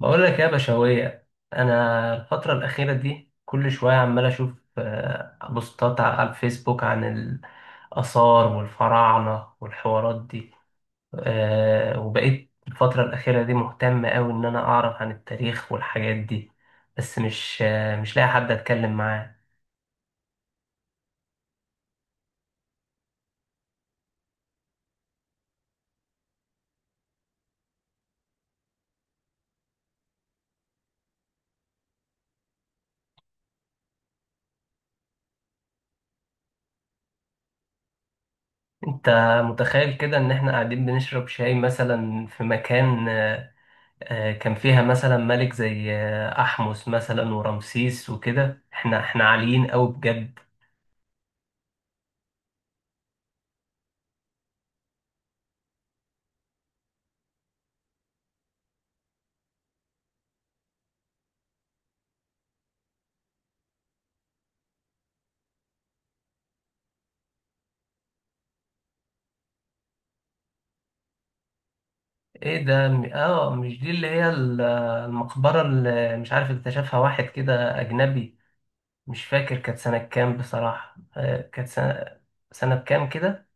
بقول لك يا بشوية، أنا الفترة الأخيرة دي كل شوية عمال أشوف بوستات على الفيسبوك عن الآثار والفراعنة والحوارات دي. وبقيت الفترة الأخيرة دي مهتم أوي إن أنا أعرف عن التاريخ والحاجات دي، بس مش مش لاقي حد أتكلم معاه. أنت متخيل كده إن إحنا قاعدين بنشرب شاي مثلا في مكان؟ كان فيها مثلا ملك زي أحمس مثلا ورمسيس وكده، احنا عاليين قوي بجد. ايه ده مش دي اللي هي المقبرة اللي مش عارف اكتشفها واحد كده أجنبي؟ مش فاكر كانت سنة كام بصراحة. كانت سنة كام كده؟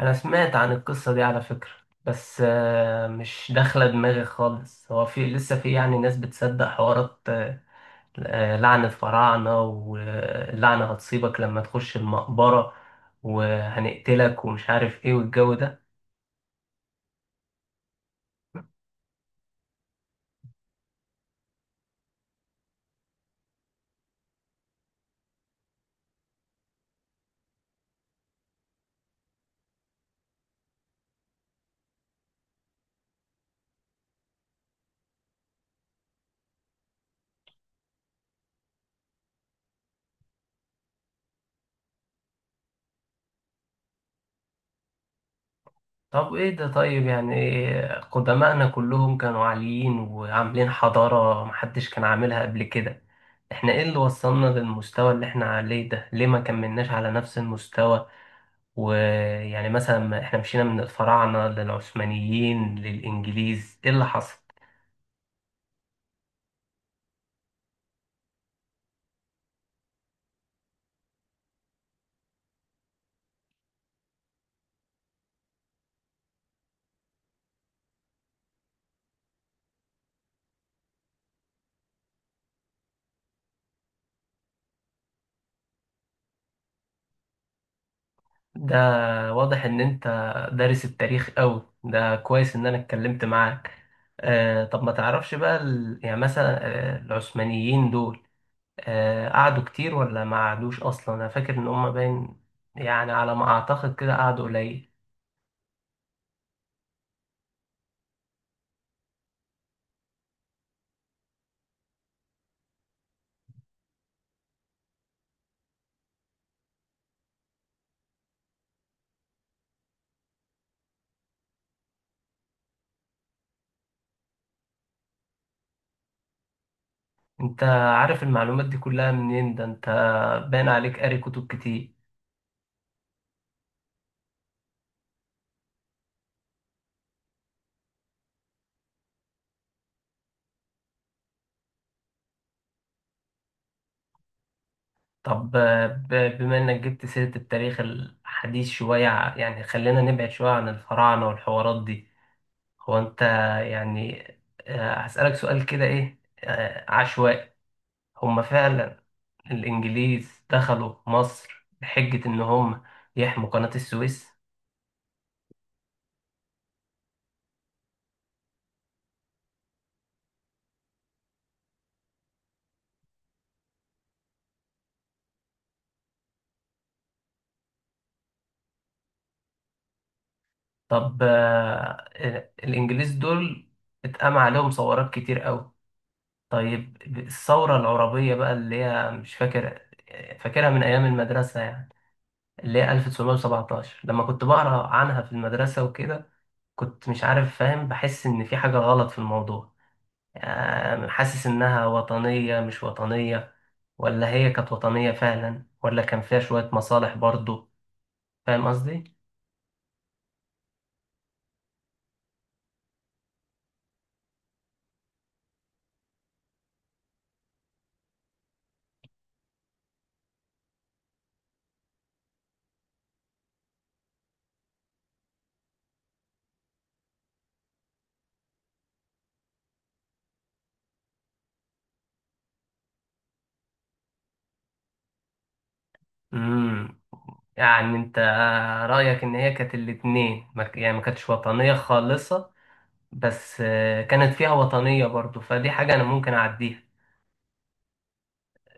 أنا سمعت عن القصة دي على فكرة، بس مش داخلة دماغي خالص. هو لسه في يعني ناس بتصدق حوارات لعنة فراعنة، واللعنة هتصيبك لما تخش المقبرة وهنقتلك ومش عارف ايه والجو ده؟ طب ايه ده؟ طيب يعني قدماءنا كلهم كانوا عاليين وعاملين حضارة محدش كان عاملها قبل كده، احنا ايه اللي وصلنا للمستوى اللي احنا عليه ده؟ ليه ما كملناش على نفس المستوى؟ ويعني مثلا ما احنا مشينا من الفراعنة للعثمانيين للإنجليز، ايه اللي حصل؟ ده واضح ان انت دارس التاريخ قوي. ده كويس ان انا اتكلمت معاك. آه، طب ما تعرفش بقى يعني مثلا آه العثمانيين دول آه قعدوا كتير ولا ما قعدوش؟ اصلا انا فاكر ان هم باين يعني على ما اعتقد كده قعدوا قليل. انت عارف المعلومات دي كلها منين؟ ده انت باين عليك قاري كتب كتير. طب، بما انك جبت سيرة التاريخ الحديث شوية، يعني خلينا نبعد شوية عن الفراعنة والحوارات دي. هو انت يعني، هسألك سؤال كده، ايه عشوائي. هم فعلا الانجليز دخلوا مصر بحجة ان هم يحموا قناة السويس؟ طب الانجليز دول اتقام عليهم ثورات كتير قوي. طيب الثورة العربية بقى اللي هي مش فاكر، فاكرها من ايام المدرسة يعني، اللي هي 1917، لما كنت بقرا عنها في المدرسة وكده كنت مش عارف فاهم، بحس ان في حاجة غلط في الموضوع. يعني حاسس إنها وطنية مش وطنية؟ ولا هي كانت وطنية فعلا ولا كان فيها شوية مصالح برضو؟ فاهم قصدي؟ امم، يعني أنت رأيك إن هي كانت الاتنين، ما ك- يعني ما كانتش وطنية خالصة بس كانت فيها وطنية برضو، فدي حاجة أنا ممكن أعديها.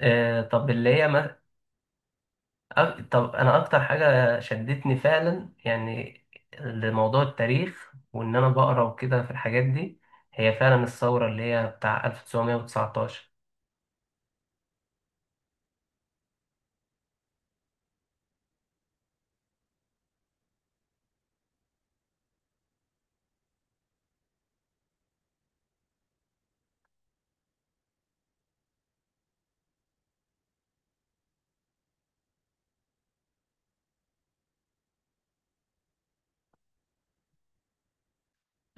طب اللي هي طب انا اكتر حاجه شدتني فعلا يعني لموضوع التاريخ وان انا بقرا وكده في الحاجات دي، هي فعلا الثوره اللي هي بتاع 1919.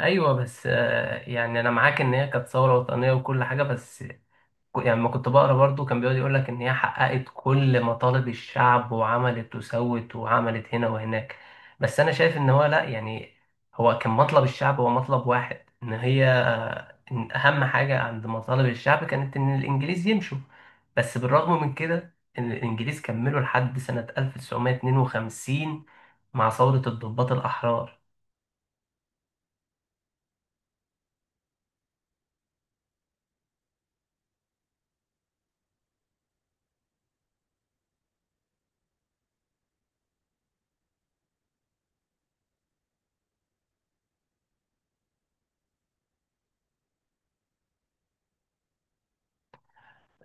ايوه بس يعني انا معاك ان هي كانت ثوره وطنيه وكل حاجه، بس يعني لما كنت بقرا برضو كان بيقعد يقول لك ان هي حققت كل مطالب الشعب وعملت وسوت وعملت هنا وهناك، بس انا شايف ان هو لا. يعني هو كان مطلب الشعب هو مطلب واحد، ان هي إن اهم حاجة عند مطالب الشعب كانت ان الانجليز يمشوا، بس بالرغم من كده ان الانجليز كملوا لحد سنة 1952 مع ثورة الضباط الاحرار.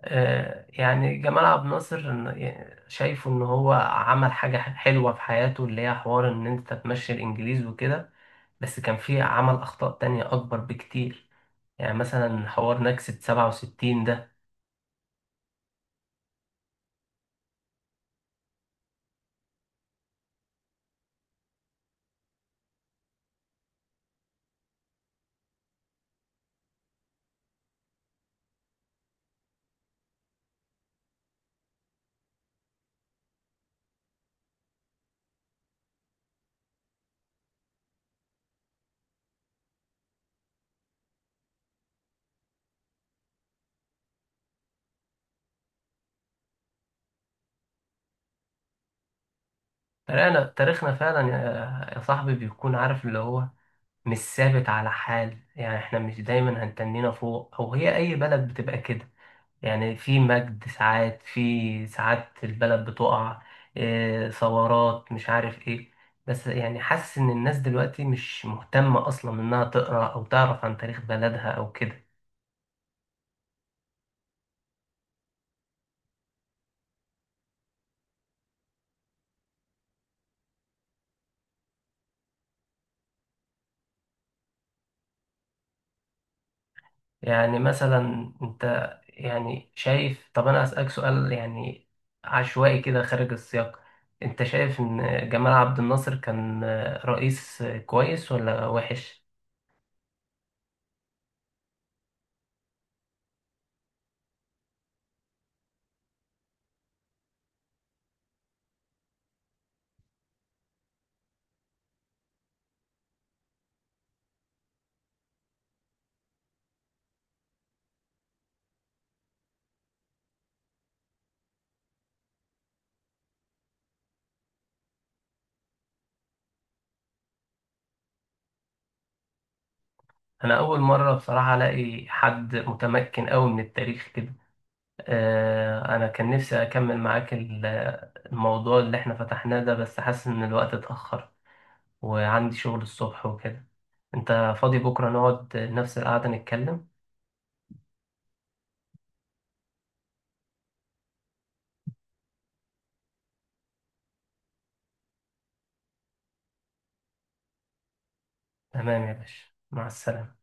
يعني جمال عبد الناصر يعني شايفه ان هو عمل حاجة حلوة في حياته اللي هي حوار ان انت تمشي الانجليز وكده، بس كان في عمل اخطاء تانية اكبر بكتير. يعني مثلا حوار نكسة 67 ده. تاريخنا فعلا، يا صاحبي، بيكون عارف اللي هو مش ثابت على حال. يعني احنا مش دايما هنتنينا فوق، او هي اي بلد بتبقى كده. يعني في مجد ساعات، في ساعات البلد بتقع. إيه، ثورات مش عارف ايه. بس يعني حاسس ان الناس دلوقتي مش مهتمة اصلا انها تقرأ او تعرف عن تاريخ بلدها او كده. يعني مثلا انت يعني شايف، طب انا اسألك سؤال يعني عشوائي كده خارج السياق، انت شايف ان جمال عبد الناصر كان رئيس كويس ولا وحش؟ انا اول مرة بصراحة الاقي حد متمكن قوي من التاريخ كده. أنا كان نفسي أكمل معاك الموضوع اللي إحنا فتحناه ده، بس حاسس إن الوقت اتأخر وعندي شغل الصبح وكده. أنت فاضي بكرة نقعد نفس القعدة نتكلم؟ تمام يا باشا، مع السلامة.